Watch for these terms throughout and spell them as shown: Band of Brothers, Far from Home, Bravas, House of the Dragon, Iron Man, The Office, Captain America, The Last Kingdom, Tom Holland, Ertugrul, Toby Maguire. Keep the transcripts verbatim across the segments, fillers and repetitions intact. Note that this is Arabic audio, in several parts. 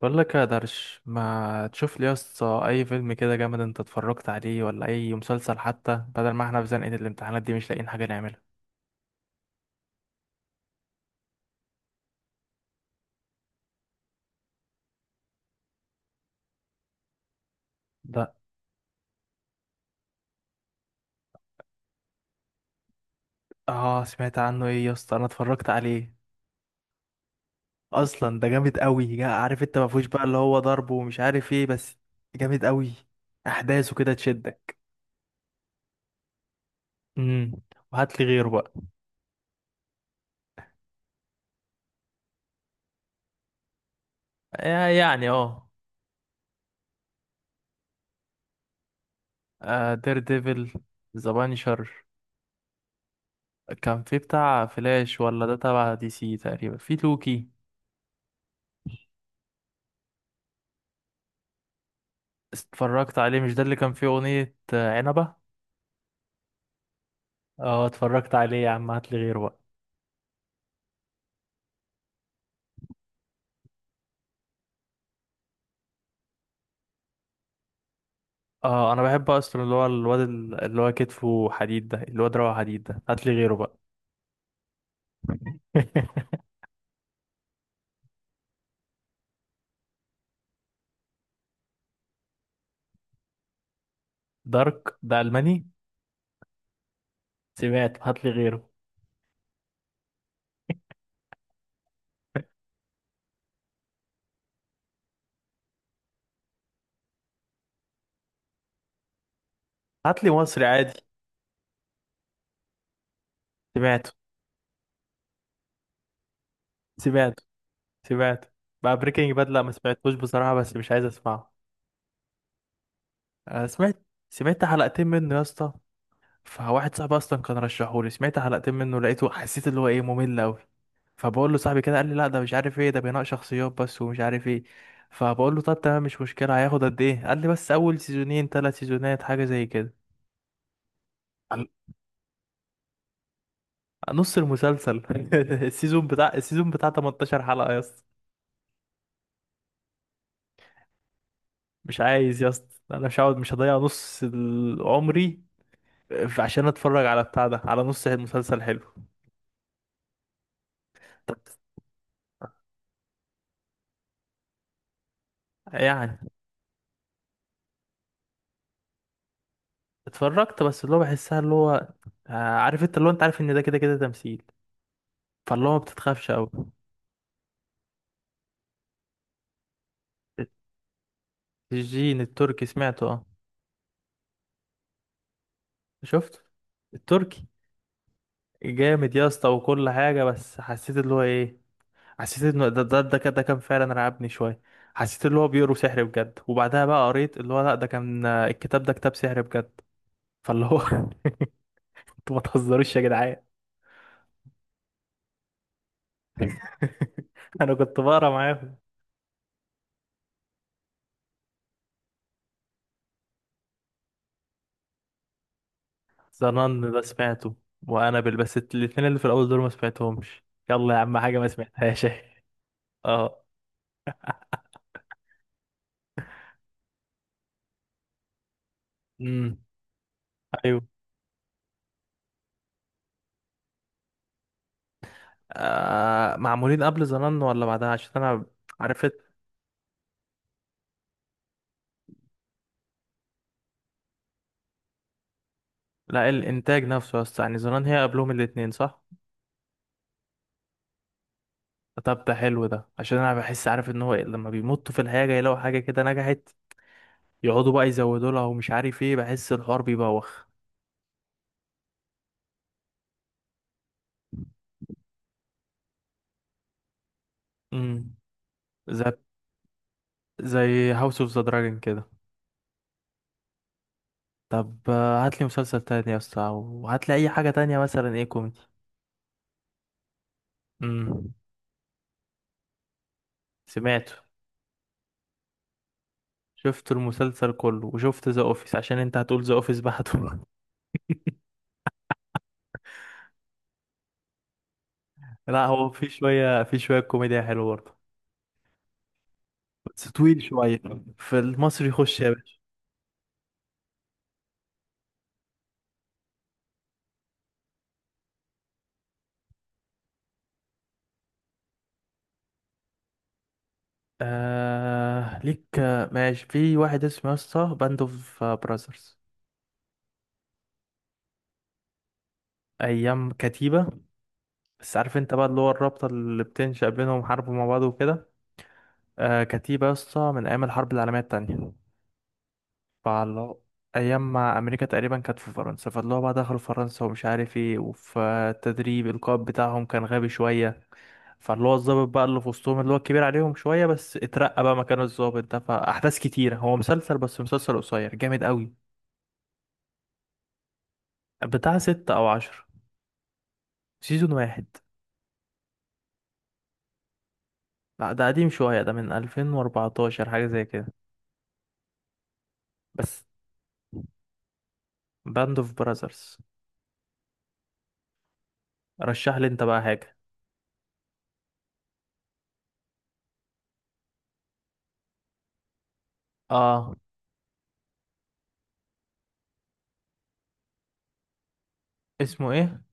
بقول لك يا درش، ما تشوف لي يا اسطى اي فيلم كده جامد انت اتفرجت عليه؟ ولا اي مسلسل حتى، بدل ما احنا في زنقة الامتحانات دي مش لاقيين حاجة نعملها. ده. اه، سمعت عنه، ايه يا اسطى انا اتفرجت عليه اصلا. ده جامد قوي، جا- عارف انت ما فيهوش بقى اللي هو ضرب ومش عارف ايه، بس. جامد قوي، احداثه كده تشدك. امم وهات لي غيره بقى. يا- يعني اه. آه، دير ديفل. ذا بانشر. كان في بتاع فلاش، ولا ده تبع دي سي تقريبا؟ في لوكي. اتفرجت عليه، مش ده اللي كان فيه أغنية آه، عنبة؟ اه، اتفرجت عليه يا عم، هاتلي غيره بقى. اه، انا بحب اصلا اللي هو الواد ال- اللي هو كتفه حديد ده، الواد روعه، حديد ده. هاتلي غيره بقى. دارك ده ألماني. سمعت. هاتلي غيره. هاتلي مصري عادي. سمعته. سمعته. سمعته. بقى بريكنج باد، لا ما سمعتوش بصراحة، بس مش عايز اسمعه. أنا سمعت سمعت حلقتين منه يا اسطى. فواحد صاحبي اصلا كان رشحهولي، سمعت حلقتين منه لقيته، حسيت اللي هو ايه، ممل قوي. فبقول له صاحبي كده قال لي لا، ده مش عارف ايه، ده بناء شخصيات بس ومش عارف ايه. فبقول له طب تمام، مش مشكله، هياخد قد ايه؟ قال لي بس اول سيزونين ثلاث سيزونات، حاجه زي كده. قال- نص المسلسل. السيزون بتاع السيزون بتاع تمنتاشر حلقه يا اسطى. مش عايز يا اسطى، انا مش هقعد، مش هضيع نص ال- عمري. في- عشان اتفرج على بتاع ده، على نص المسلسل حلو. يعني، اتفرجت، بس اللي هو بحسها اللي هو. آه، عارف انت، اللي هو انت عارف ان ده كده كده تمثيل. فاللي هو ما بتتخافش قوي. الجين التركي، سمعته اه. شفت التركي. جامد يا اسطى وكل حاجه، بس حسيت اللي هو ايه. حسيت انه ده ده ده كان ده كان فعلا رعبني شويه. حسيت اللي هو بيقروا سحر بجد، وبعدها بقى قريت اللي هو لا، ده كان آه، الكتاب ده كتاب سحر بجد. فاللي هو انتوا ما تهزروش يا جدعان. انا كنت بقرا معاهم. زنان ده سمعته. وانابل، بس الاتنين اللي في الاول دول ما سمعتهمش. يلا يا عم، حاجه ما سمعتهاش. اه. امم. ايوه. آه، معمولين قبل زنان ولا بعدها؟ عشان انا عرفت. لا، الانتاج نفسه يا اسطى، يعني زنان هي قبلهم الاتنين، صح؟ طب ده حلو ده، عشان انا بحس عارف ان هو، إيه، لما بيمطوا في الحاجه يلاقوا حاجه كده نجحت، يقعدوا بقى يزودوا لها ومش عارف ايه، بحس الحوار بيبوخ. امم. زي زي هاوس اوف ذا دراجون كده. طب هات لي مسلسل تاني يا اسطى، او هات لي اي حاجه تانية، مثلا ايه؟ كوميدي. امم سمعته. شفت المسلسل كله، وشفت ذا اوفيس عشان انت هتقول ذا اوفيس بعده. لا هو في شويه في شويه كوميديا حلوه برضه. بس طويل شويه. في المصري، خش يا باشا. آه ليك، آه، ماشي، في واحد اسمه يا اسطى باند اوف براذرز. ايام كتيبه. بس عارف انت بقى، اللي هو الرابطه اللي بتنشأ بينهم، حرب مع بعض وكده. آه كتيبه يا اسطى من ايام الحرب العالميه التانية. فاللي ايام ما امريكا تقريبا كانت في فرنسا، فاللي هو بقى دخلوا فرنسا ومش عارف ايه، وفي التدريب القائد بتاعهم كان غبي شويه. فاللي هو الضابط بقى اللي في وسطهم، اللي هو الكبير عليهم شويه، بس اترقى بقى مكان الضابط ده، فاحداث كتيره. هو مسلسل، بس مسلسل قصير جامد قوي. بتاع ستة او عشر. سيزون واحد. لا ده قديم شويه، ده من ألفين وأربعتاشر، حاجه زي كده. بس. باند اوف براذرز. رشح لي انت بقى حاجه. اه، اسمه ايه؟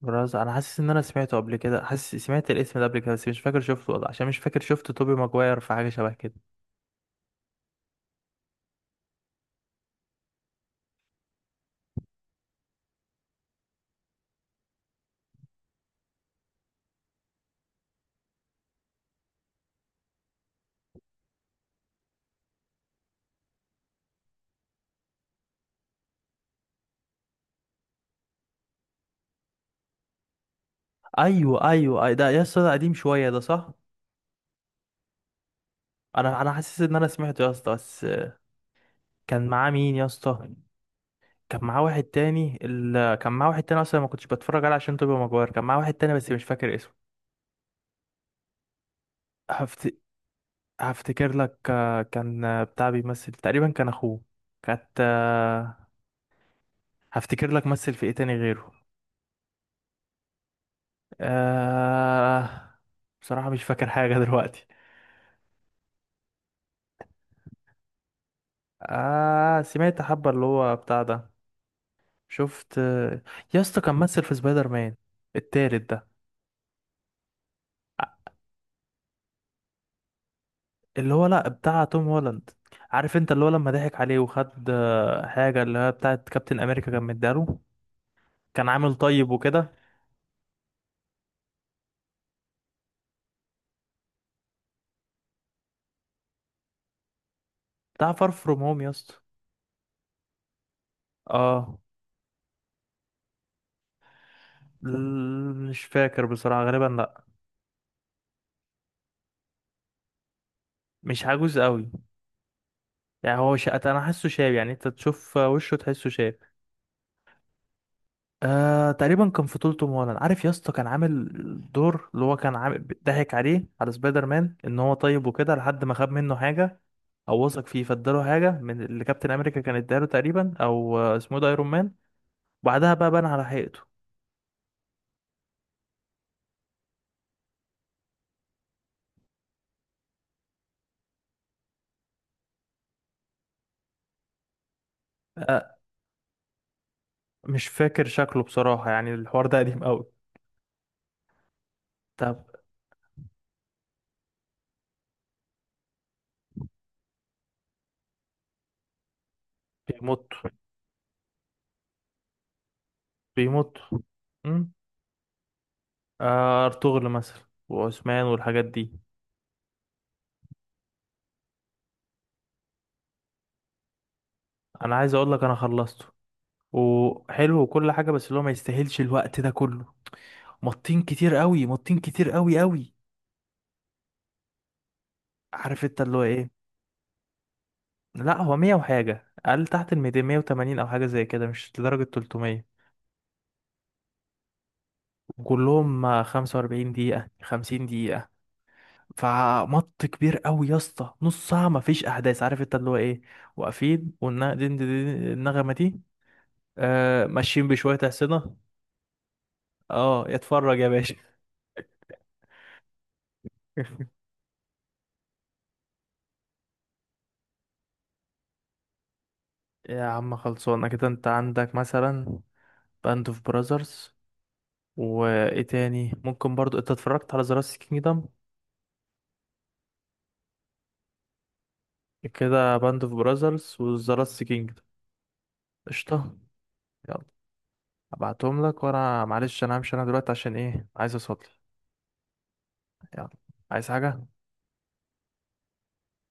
براز انا حاسس ان انا سمعته قبل كده، حاسس سمعت الاسم ده قبل كده، بس مش فاكر شفته ولا، عشان مش فاكر شفت توبي ماجواير في حاجه شبه كده. ايوه، ايوه. أي- ده يا اسطى، ده قديم شويه ده، صح. انا انا حاسس ان انا سمعته يا اسطى بس. كان معاه مين يا اسطى؟ كان معاه واحد تاني ال... كان معاه واحد تاني، اصلا ما كنتش بتفرج عليه عشان توبي ماجواير، كان معاه واحد تاني بس مش فاكر اسمه. هفت... هفتكر لك، آه، كان آه، بتاع بيمثل، تقريبا كان اخوه. كانت آه، هفتكر لك مثل في ايه تاني غيره. آه. بصراحة مش فاكر حاجة. دلوقتي. آه سمعت حبة، اللي هو بتاع ده. شفت. يا اسطى، كان ممثل في سبايدر مان التالت ده. اللي هو، لا، بتاع توم هولاند. عارف انت اللي هو لما ضحك عليه وخد آه، حاجة اللي هي بتاعت كابتن أمريكا كان مدياله. كان عامل طيب وكده. بتاع فار فروم هوم يا اسطى. اه. ل- مش فاكر بصراحة، غالبا لا. مش عجوز قوي. يعني هو شقة، انا حاسه شاب، يعني انت تشوف وشه تحسه شاب. آه، تقريبا كان في طول مولانا، عارف يا اسطى، كان عامل دور، اللي هو كان عامل ضحك عليه على سبايدر مان ان هو طيب وكده، لحد ما خاب منه حاجه، او وثق فيه فاداله حاجه من اللي كابتن امريكا كان اداله تقريبا، او آه، اسمه إيه ده، ايرون مان. وبعدها بقى بان على حقيقته. آه مش فاكر شكله بصراحه، يعني الحوار ده قديم قوي. طب. بيموت. بيموت. امم. آه ارطغرل مثلا، وعثمان والحاجات دي. انا عايز اقول لك، انا خلصته، وحلو وكل حاجه، بس اللي هو ما يستاهلش الوقت ده كله. مطين كتير قوي، مطين كتير قوي قوي. عارف انت اللي هو ايه. لا، هو مية وحاجة، قال تحت الميتين، مية وتمانين أو حاجة زي كده، مش لدرجة تلتمية. وكلهم خمسة وأربعين دقيقة، خمسين دقيقة. فمط كبير قوي يا اسطى، نص ساعة مفيش أحداث، عارف انت اللي هو ايه. واقفين، والنغمة دي آه، ماشيين بشوية أحصنة. اه، اتفرج يا باشا. يا عم، خلصونا كده. انت عندك مثلا باند اوف براذرز، وايه تاني ممكن؟ برضو انت اتفرجت على ذا لاست كينجدم؟ كده، باند اوف براذرز وذا لاست كينجدم. قشطه. يلا. ابعتهم لك، وانا معلش انا همشي انا دلوقتي عشان ايه، عايز اصلي. يلا. عايز حاجه؟